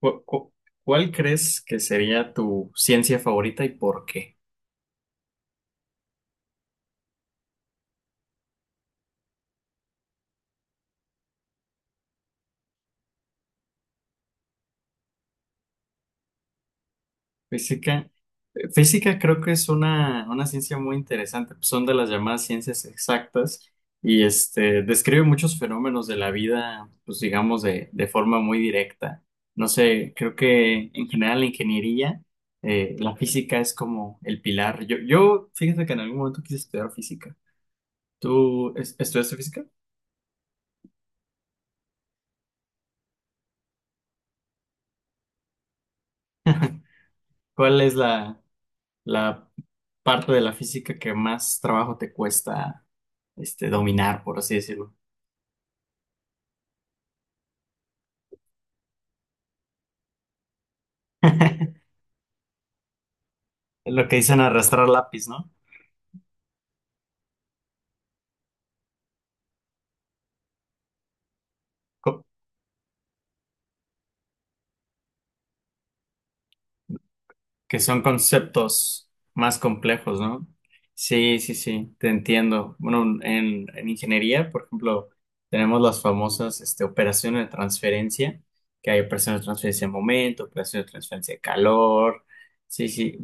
¿Cu- cu- ¿Cuál crees que sería tu ciencia favorita y por qué? Física, física creo que es una ciencia muy interesante, pues son de las llamadas ciencias exactas y describe muchos fenómenos de la vida, pues digamos, de forma muy directa. No sé, creo que en general la ingeniería, la física es como el pilar. Yo, fíjate que en algún momento quise estudiar física. ¿Tú estudiaste física? ¿Cuál es la parte de la física que más trabajo te cuesta dominar, por así decirlo? Es lo que dicen arrastrar lápiz, ¿no? Co- ¿Que son conceptos más complejos, ¿no? Sí, sí, sí, te entiendo. Bueno, en ingeniería, por ejemplo, tenemos las famosas operaciones de transferencia, que hay operaciones de transferencia de momento, operaciones de transferencia de calor. Sí, sí.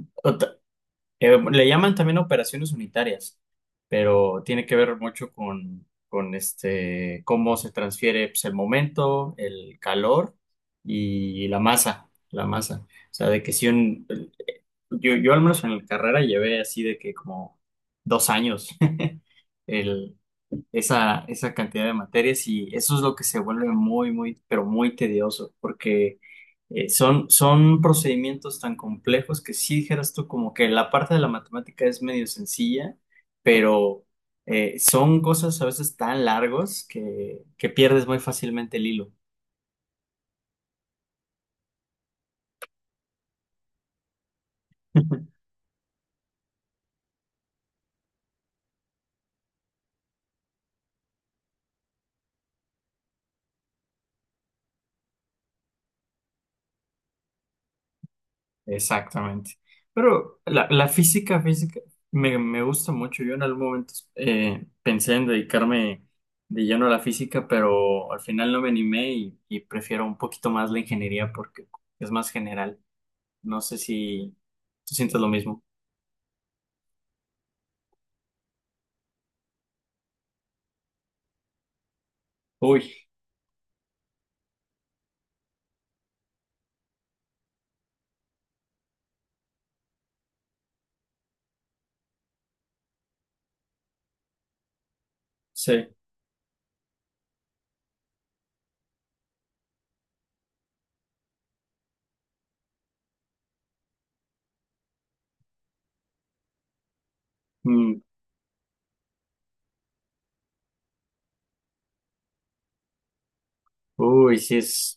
Le llaman también operaciones unitarias, pero tiene que ver mucho con cómo se transfiere pues, el momento, el calor y la masa, la masa. O sea, de que si un, yo al menos en la carrera llevé así de que como 2 años. El, esa cantidad de materias y eso es lo que se vuelve muy, muy, pero muy tedioso, porque son, son procedimientos tan complejos que si dijeras tú como que la parte de la matemática es medio sencilla, pero son cosas a veces tan largos que pierdes muy fácilmente el hilo. Exactamente. Pero la física, física, me gusta mucho. Yo en algún momento pensé en dedicarme de lleno a la física, pero al final no me animé y prefiero un poquito más la ingeniería porque es más general. No sé si tú sientes lo mismo. Uy, sí. Mm, uy, sí es.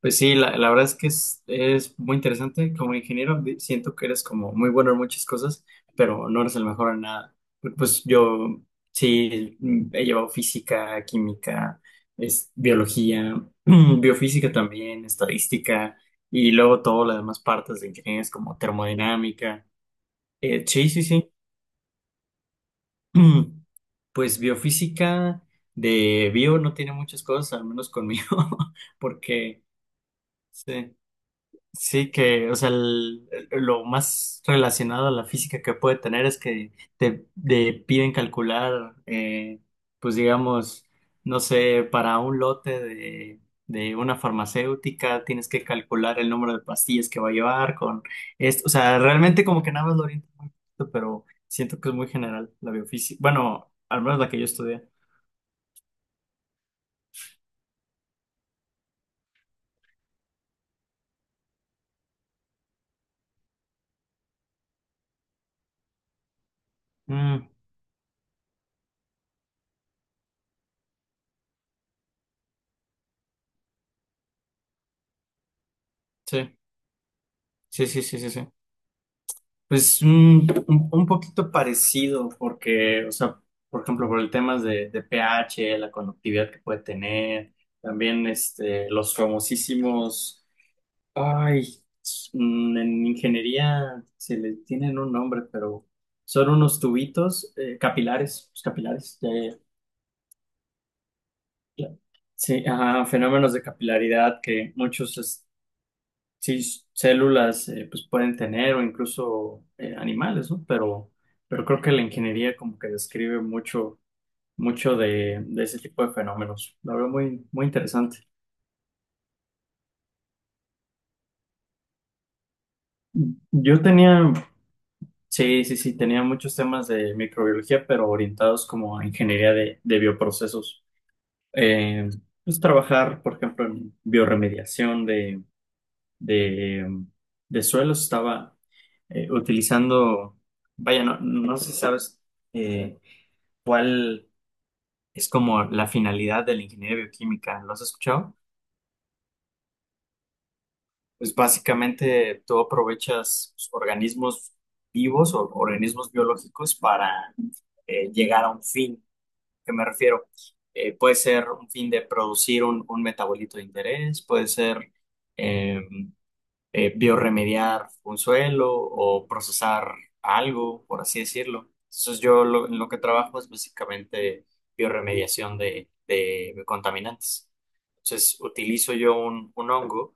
Pues sí, la verdad es que es muy interesante. Como ingeniero, siento que eres como muy bueno en muchas cosas, pero no eres el mejor en nada. Pues yo sí mm, he llevado física, química, es, biología, biofísica también, estadística, y luego todas las demás partes de ingenierías como termodinámica. Sí, sí, sí. Pues biofísica de bio no tiene muchas cosas, al menos conmigo, porque... sí. Sí, que, o sea, lo más relacionado a la física que puede tener es que te piden calcular, pues digamos, no sé, para un lote de una farmacéutica tienes que calcular el número de pastillas que va a llevar con esto. O sea, realmente como que nada más lo orienta muy poquito, pero siento que es muy general la biofísica, bueno, al menos la que yo estudié. Mm, sí, sí, sí, sí, sí, sí. Pues un, un poquito parecido, porque, o sea, por ejemplo, por el tema de pH, la conductividad que puede tener, también los famosísimos, ay, mm, en ingeniería se le tienen un nombre, pero son unos tubitos capilares, pues, capilares, ya, ya, ya. Sí, ajá, fenómenos de capilaridad que muchos, sí, células pues pueden tener o incluso animales, ¿no? Pero creo que la ingeniería como que describe mucho, mucho de ese tipo de fenómenos. La verdad, muy, muy interesante. Yo tenía, sí, sí, sí, tenía muchos temas de microbiología, pero orientados como a ingeniería de bioprocesos. Eh, pues trabajar, por ejemplo, en bioremediación de, de suelos, estaba utilizando, vaya, no, no sé si sabes eh, cuál es como la finalidad de la ingeniería bioquímica, ¿lo has escuchado? Pues básicamente tú aprovechas pues, organismos vivos o organismos biológicos para llegar a un fin. ¿Qué me refiero? Puede ser un fin de producir un metabolito de interés, puede ser em, biorremediar un suelo o procesar algo, por así decirlo. Entonces yo lo, en lo que trabajo es básicamente biorremediación de contaminantes. Entonces utilizo yo un hongo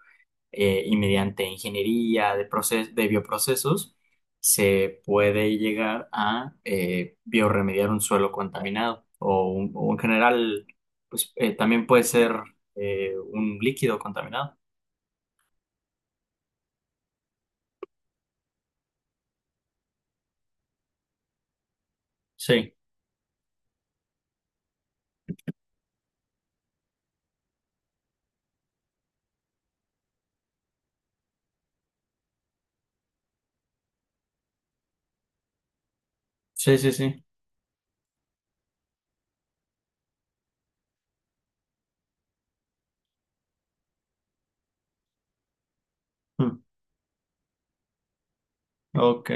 y mediante ingeniería de, de bioprocesos se puede llegar a biorremediar un suelo contaminado o, o en general, pues también puede ser un líquido contaminado. Sí, sí, sí, sí. Ok,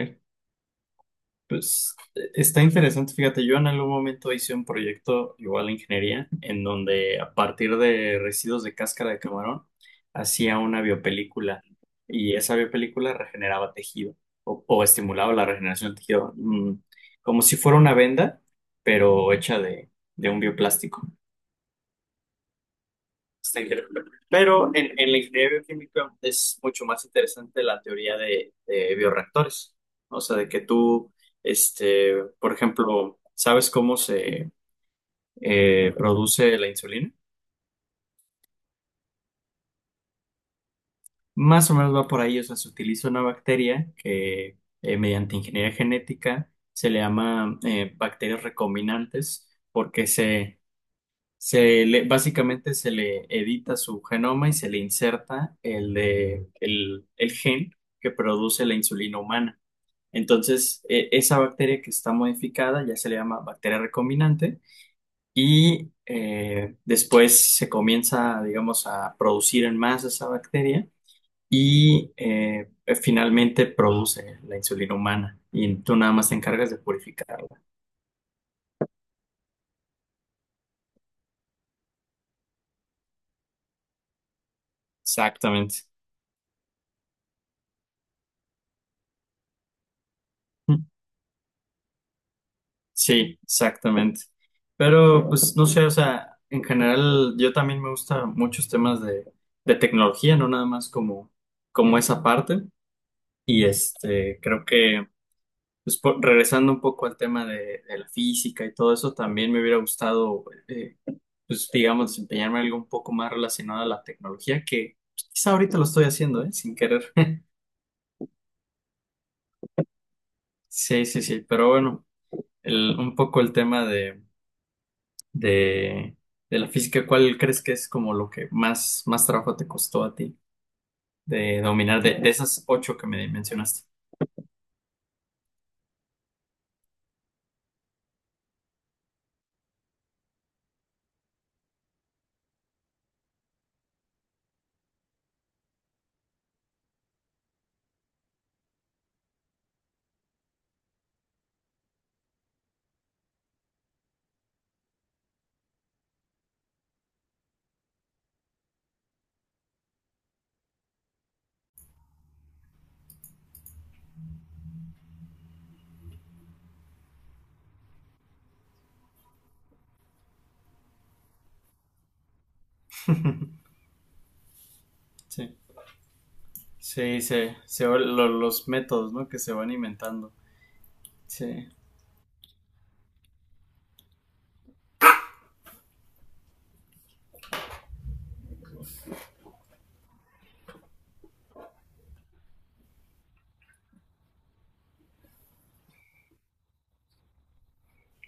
pues está interesante. Fíjate, yo en algún momento hice un proyecto igual de ingeniería en donde a partir de residuos de cáscara de camarón hacía una biopelícula y esa biopelícula regeneraba tejido o estimulaba la regeneración del tejido, mm, como si fuera una venda, pero hecha de un bioplástico. Está increíble. Pero en la ingeniería bioquímica es mucho más interesante la teoría de bioreactores. ¿No? O sea, de que tú, por ejemplo, ¿sabes cómo se produce la insulina? Más o menos va por ahí. O sea, se utiliza una bacteria que mediante ingeniería genética se le llama bacterias recombinantes porque se Se le, básicamente se le edita su genoma y se le inserta el, el gen que produce la insulina humana. Entonces, esa bacteria que está modificada ya se le llama bacteria recombinante y después se comienza, digamos, a producir en masa esa bacteria y finalmente produce la insulina humana y tú nada más te encargas de purificarla. Exactamente. Sí, exactamente. Pero pues no sé, o sea, en general yo también me gusta muchos temas de tecnología, no nada más como, como esa parte. Y este, creo que pues, regresando un poco al tema de la física y todo eso, también me hubiera gustado, pues digamos, desempeñarme en algo un poco más relacionado a la tecnología, que pues, quizá ahorita lo estoy haciendo, ¿eh? Sin querer. Sí, sí, sí, pero bueno, un poco el tema de de, de la física, ¿cuál crees que es como lo que más, más trabajo te costó a ti de dominar de esas 8 que me mencionaste? Sí, sí, los métodos, ¿no? Que se van inventando. Sí,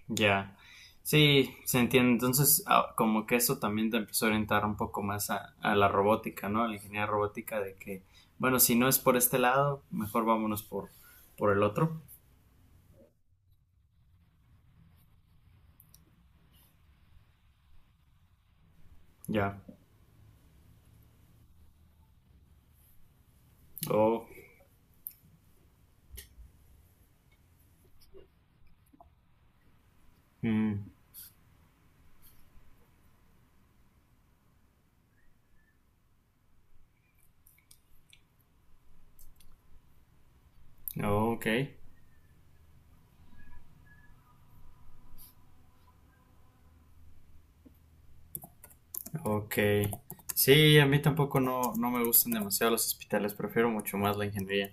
ya. Sí, se entiende. Entonces, ah, como que eso también te empezó a orientar un poco más a la robótica, ¿no? A la ingeniería robótica de que, bueno, si no es por este lado, mejor vámonos por el otro. Ya. Oh, mm, oh, ok. Ok. Sí, a mí tampoco no, no me gustan demasiado los hospitales, prefiero mucho más la ingeniería.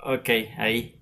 Ok, ahí.